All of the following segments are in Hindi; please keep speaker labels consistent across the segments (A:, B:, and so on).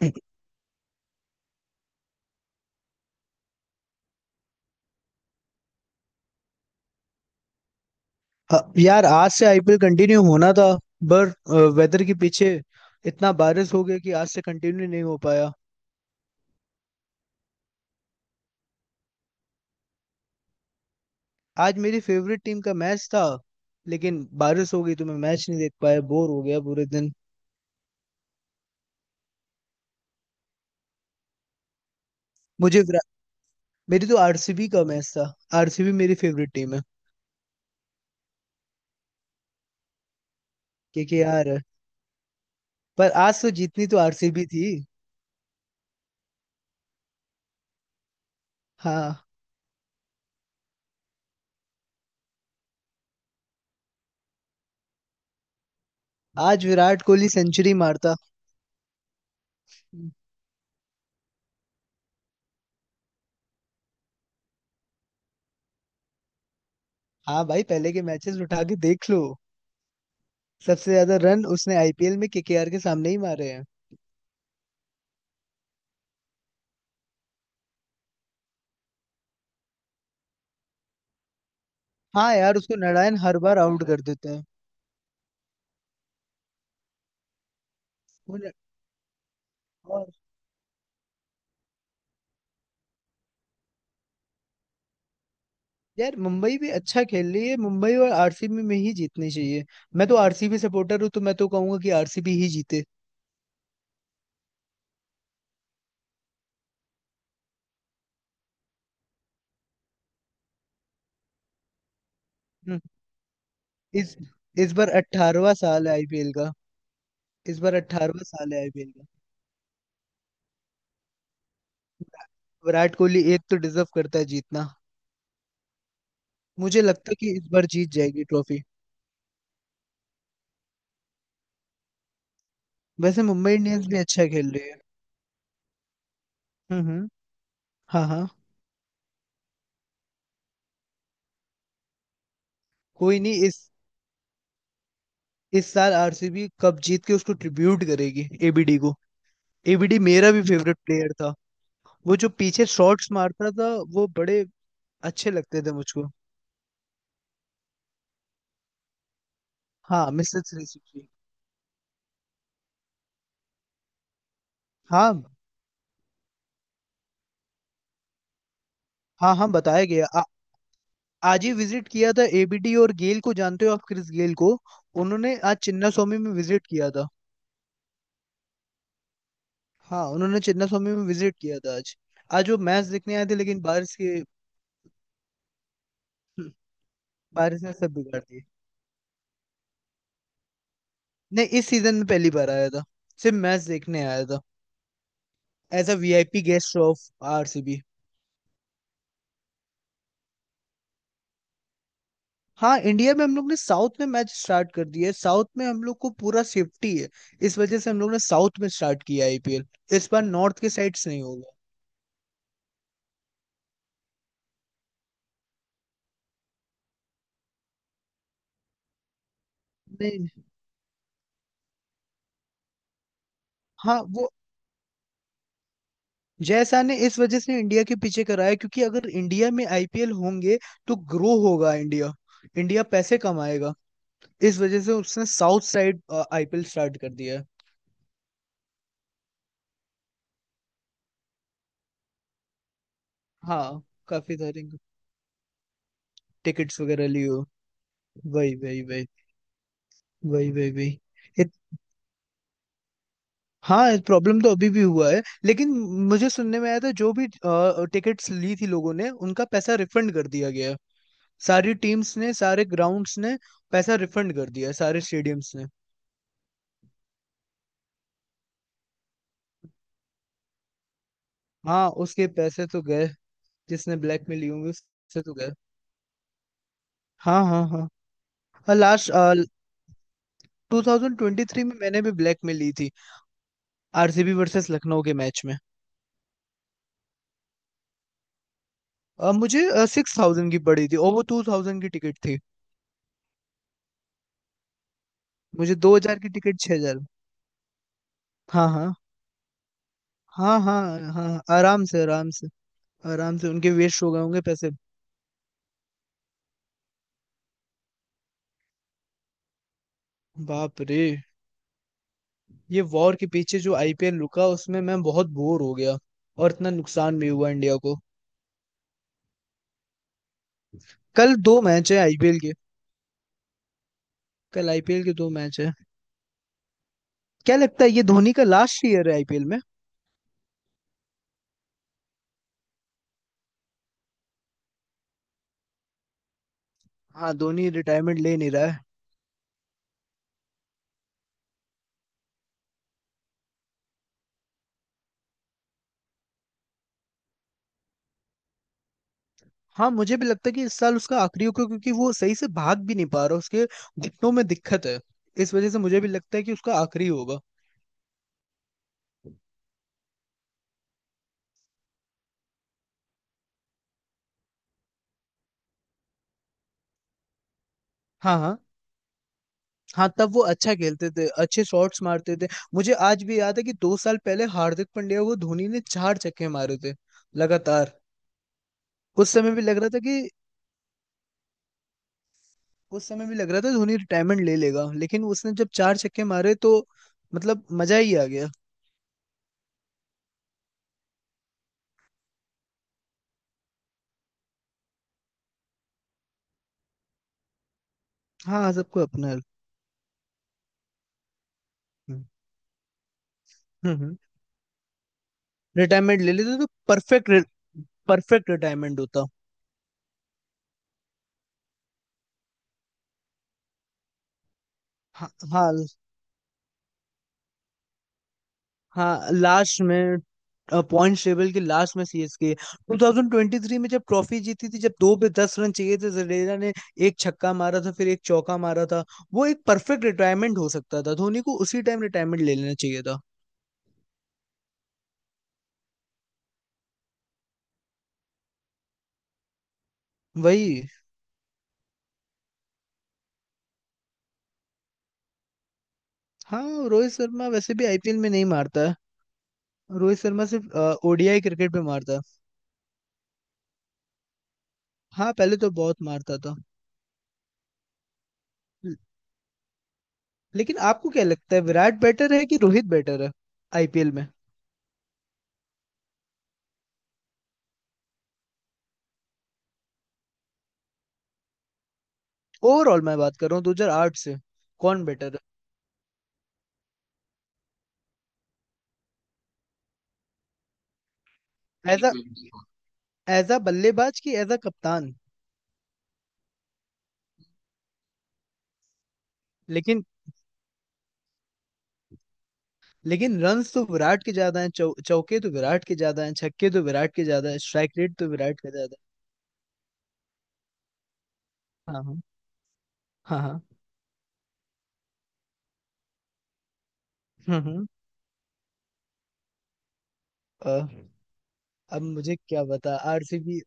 A: अ, यार आज से आईपीएल कंटिन्यू होना था पर वेदर के पीछे इतना बारिश हो गया कि आज से कंटिन्यू नहीं हो पाया। आज मेरी फेवरेट टीम का मैच था लेकिन बारिश हो गई तो मैं मैच नहीं देख पाया, बोर हो गया पूरे दिन। मुझे विरा- मेरी तो आरसीबी का मैच था। आरसीबी मेरी फेवरेट टीम है। क्योंकि यार पर आज तो जीतनी तो आरसीबी थी। हाँ, आज विराट कोहली सेंचुरी मारता। हाँ भाई, पहले के मैचेस उठा के देख लो। सबसे ज्यादा रन उसने आईपीएल में केकेआर के सामने ही मारे हैं। हाँ यार, उसको नारायण हर बार आउट कर देते हैं। वो न- और यार, मुंबई भी अच्छा खेल रही है। मुंबई और आरसीबी में ही जीतनी चाहिए। मैं तो आरसीबी सपोर्टर हूँ तो मैं तो कहूंगा कि आरसीबी ही जीते। हम्म। इस इस बार 18वां साल है आईपीएल का। इस बार 18वां साल है आईपीएल का। विराट कोहली एक तो डिजर्व करता है जीतना। मुझे लगता है कि इस बार जीत जाएगी ट्रॉफी। वैसे मुंबई इंडियंस भी अच्छा खेल रही है। हम्म। हाँ हाँ। कोई नहीं, इस साल आरसीबी कप जीत के उसको ट्रिब्यूट करेगी एबीडी को। एबीडी मेरा भी फेवरेट प्लेयर था। वो जो पीछे शॉट्स मारता था, वो बड़े अच्छे लगते थे मुझको। हाँ, मिस्टर थ्री सिक्सटी। हाँ हाँ हाँ, बताया गया। आज ही विजिट किया था। एबीडी और गेल को जानते हो आप? क्रिस गेल को उन्होंने आज चिन्ना स्वामी में विजिट किया था। हाँ, उन्होंने चिन्ना स्वामी में विजिट किया था आज। आज वो मैच देखने आए थे लेकिन बारिश के। बारिश ने सब बिगाड़ दिए। नहीं, इस सीजन में पहली बार आया था, सिर्फ मैच देखने आया था। As a VIP guest of RCB. हाँ, इंडिया में हम लोग ने साउथ में मैच स्टार्ट कर दिया है। साउथ में हम लोग को पूरा सेफ्टी है, इस वजह से हम लोग ने साउथ में स्टार्ट किया आईपीएल। इस बार नॉर्थ के साइड से नहीं होगा। नहीं। हाँ, वो जय शाह ने इस वजह से इंडिया के पीछे कराया, क्योंकि अगर इंडिया में आईपीएल होंगे तो ग्रो होगा इंडिया। इंडिया पैसे कमाएगा। इस वजह से उसने साउथ साइड आईपीएल स्टार्ट कर दिया है। हाँ, काफी सारे टिकट्स वगैरह लिए हो। वही वही वही। वही वही वही। हाँ, प्रॉब्लम तो अभी भी हुआ है, लेकिन मुझे सुनने में आया था जो भी टिकट्स ली थी लोगों ने, उनका पैसा रिफंड कर दिया गया है। सारी टीम्स ने, सारे ग्राउंड्स ने पैसा रिफंड कर दिया है, सारे स्टेडियम्स ने। हाँ, उसके पैसे तो गए। जिसने ब्लैक में ली होंगी उससे तो गए। हाँ हाँ हाँ। और लास्ट 2023 में मैंने भी ब्लैक में ली थी, आरसीबी वर्सेस लखनऊ के मैच में। मुझे 6000 की पड़ी थी और वो 2000 की टिकट थी। मुझे 2000 की टिकट 6000। हाँ हाँ। हाँ हाँ। हाँ, आराम से आराम से। आराम से उनके वेस्ट हो गए होंगे पैसे। बाप रे! ये वॉर के पीछे जो आईपीएल रुका उसमें मैं बहुत बोर हो गया, और इतना नुकसान भी हुआ इंडिया को। कल दो मैच है आईपीएल के। कल आईपीएल के दो मैच है। क्या लगता है ये धोनी का लास्ट ईयर है आईपीएल में? हाँ, धोनी रिटायरमेंट ले नहीं रहा है। हाँ, मुझे भी लगता है कि इस साल उसका आखिरी होगा, क्योंकि वो सही से भाग भी नहीं पा रहा। उसके घुटनों में दिक्कत है, इस वजह से मुझे भी लगता है कि उसका आखिरी होगा। हाँ हाँ। हाँ, तब वो अच्छा खेलते थे, अच्छे शॉट्स मारते थे। मुझे आज भी याद है कि 2 साल पहले हार्दिक पांड्या को धोनी ने चार छक्के मारे थे, लगातार। उस समय भी लग रहा था कि उस समय भी लग रहा था धोनी रिटायरमेंट ले लेगा, लेकिन उसने जब चार छक्के मारे तो मतलब मजा ही आ गया। हाँ हाँ, सबको अपना। रिटायरमेंट ले लेते तो परफेक्ट। परफेक्ट रिटायरमेंट होता। हाँ हाँ हाँ। लास्ट में, पॉइंट्स टेबल के लास्ट में सीएसके। 2023 में जब ट्रॉफी जीती थी, जब दो पे 10 रन चाहिए थे, जडेजा ने एक छक्का मारा था फिर एक चौका मारा था। वो एक परफेक्ट रिटायरमेंट हो सकता था, धोनी को उसी टाइम रिटायरमेंट ले लेना चाहिए था। वही। हाँ, रोहित शर्मा वैसे भी आईपीएल में नहीं मारता है। रोहित शर्मा सिर्फ ओडीआई क्रिकेट में मारता है। हाँ, पहले तो बहुत मारता था। ल- लेकिन आपको क्या लगता है, विराट बेटर है कि रोहित बेटर है आईपीएल में? ओवरऑल मैं बात कर रहा हूँ, 2008 से। कौन बेटर है? एज अ एज अ बल्लेबाज कि एज अ कप्तान? लेकिन लेकिन रन्स तो विराट के ज्यादा हैं, चौके तो विराट के ज्यादा हैं, छक्के तो विराट के ज्यादा हैं, स्ट्राइक रेट तो विराट का ज्यादा है। हाँ हाँ हाँ हाँ। हम्म हम्म, अ, अब मुझे क्या बता आरसीबी।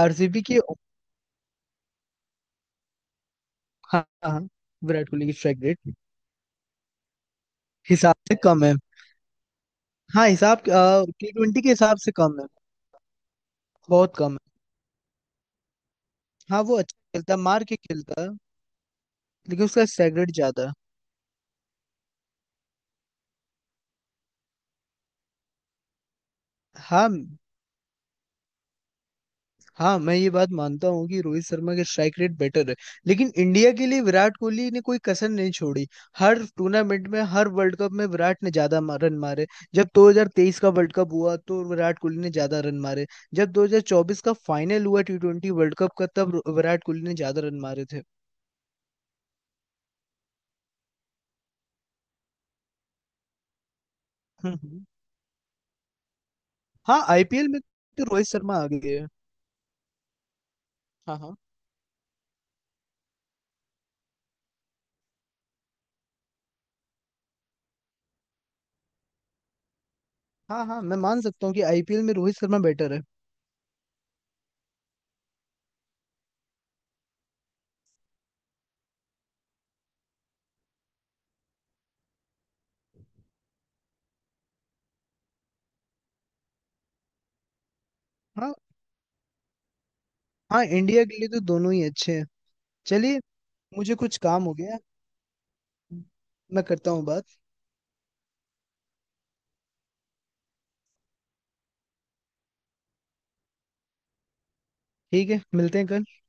A: आरसीबी की। हाँ हाँ। विराट कोहली की स्ट्राइक रेट हिसाब से कम है। हाँ, हिसाब टी ट्वेंटी के हिसाब से कम है, बहुत कम है। हाँ, वो अच्छा खेलता है, मार के खेलता है, लेकिन उसका स्ट्राइक रेट ज्यादा है। हाँ हाँ, मैं ये बात मानता हूँ कि रोहित शर्मा के स्ट्राइक रेट बेटर है, लेकिन इंडिया के लिए विराट कोहली ने कोई कसर नहीं छोड़ी। हर टूर्नामेंट में, हर वर्ल्ड कप में विराट ने ज्यादा रन मारे। जब 2023 का वर्ल्ड कप हुआ तो विराट कोहली ने ज्यादा रन मारे। जब 2024 का फाइनल हुआ टी ट्वेंटी वर्ल्ड कप का, तब विराट कोहली ने ज्यादा रन मारे थे। हम्म हम्म। हाँ, आईपीएल में तो रोहित शर्मा आ गए है। हाँ हाँ। हाँ, हाँ मैं मान सकता हूँ कि आईपीएल में रोहित शर्मा बेटर है। हाँ हाँ, इंडिया के लिए तो दोनों ही अच्छे हैं। चलिए, मुझे कुछ काम हो गया, मैं करता हूँ बात। ठीक है, मिलते हैं कल।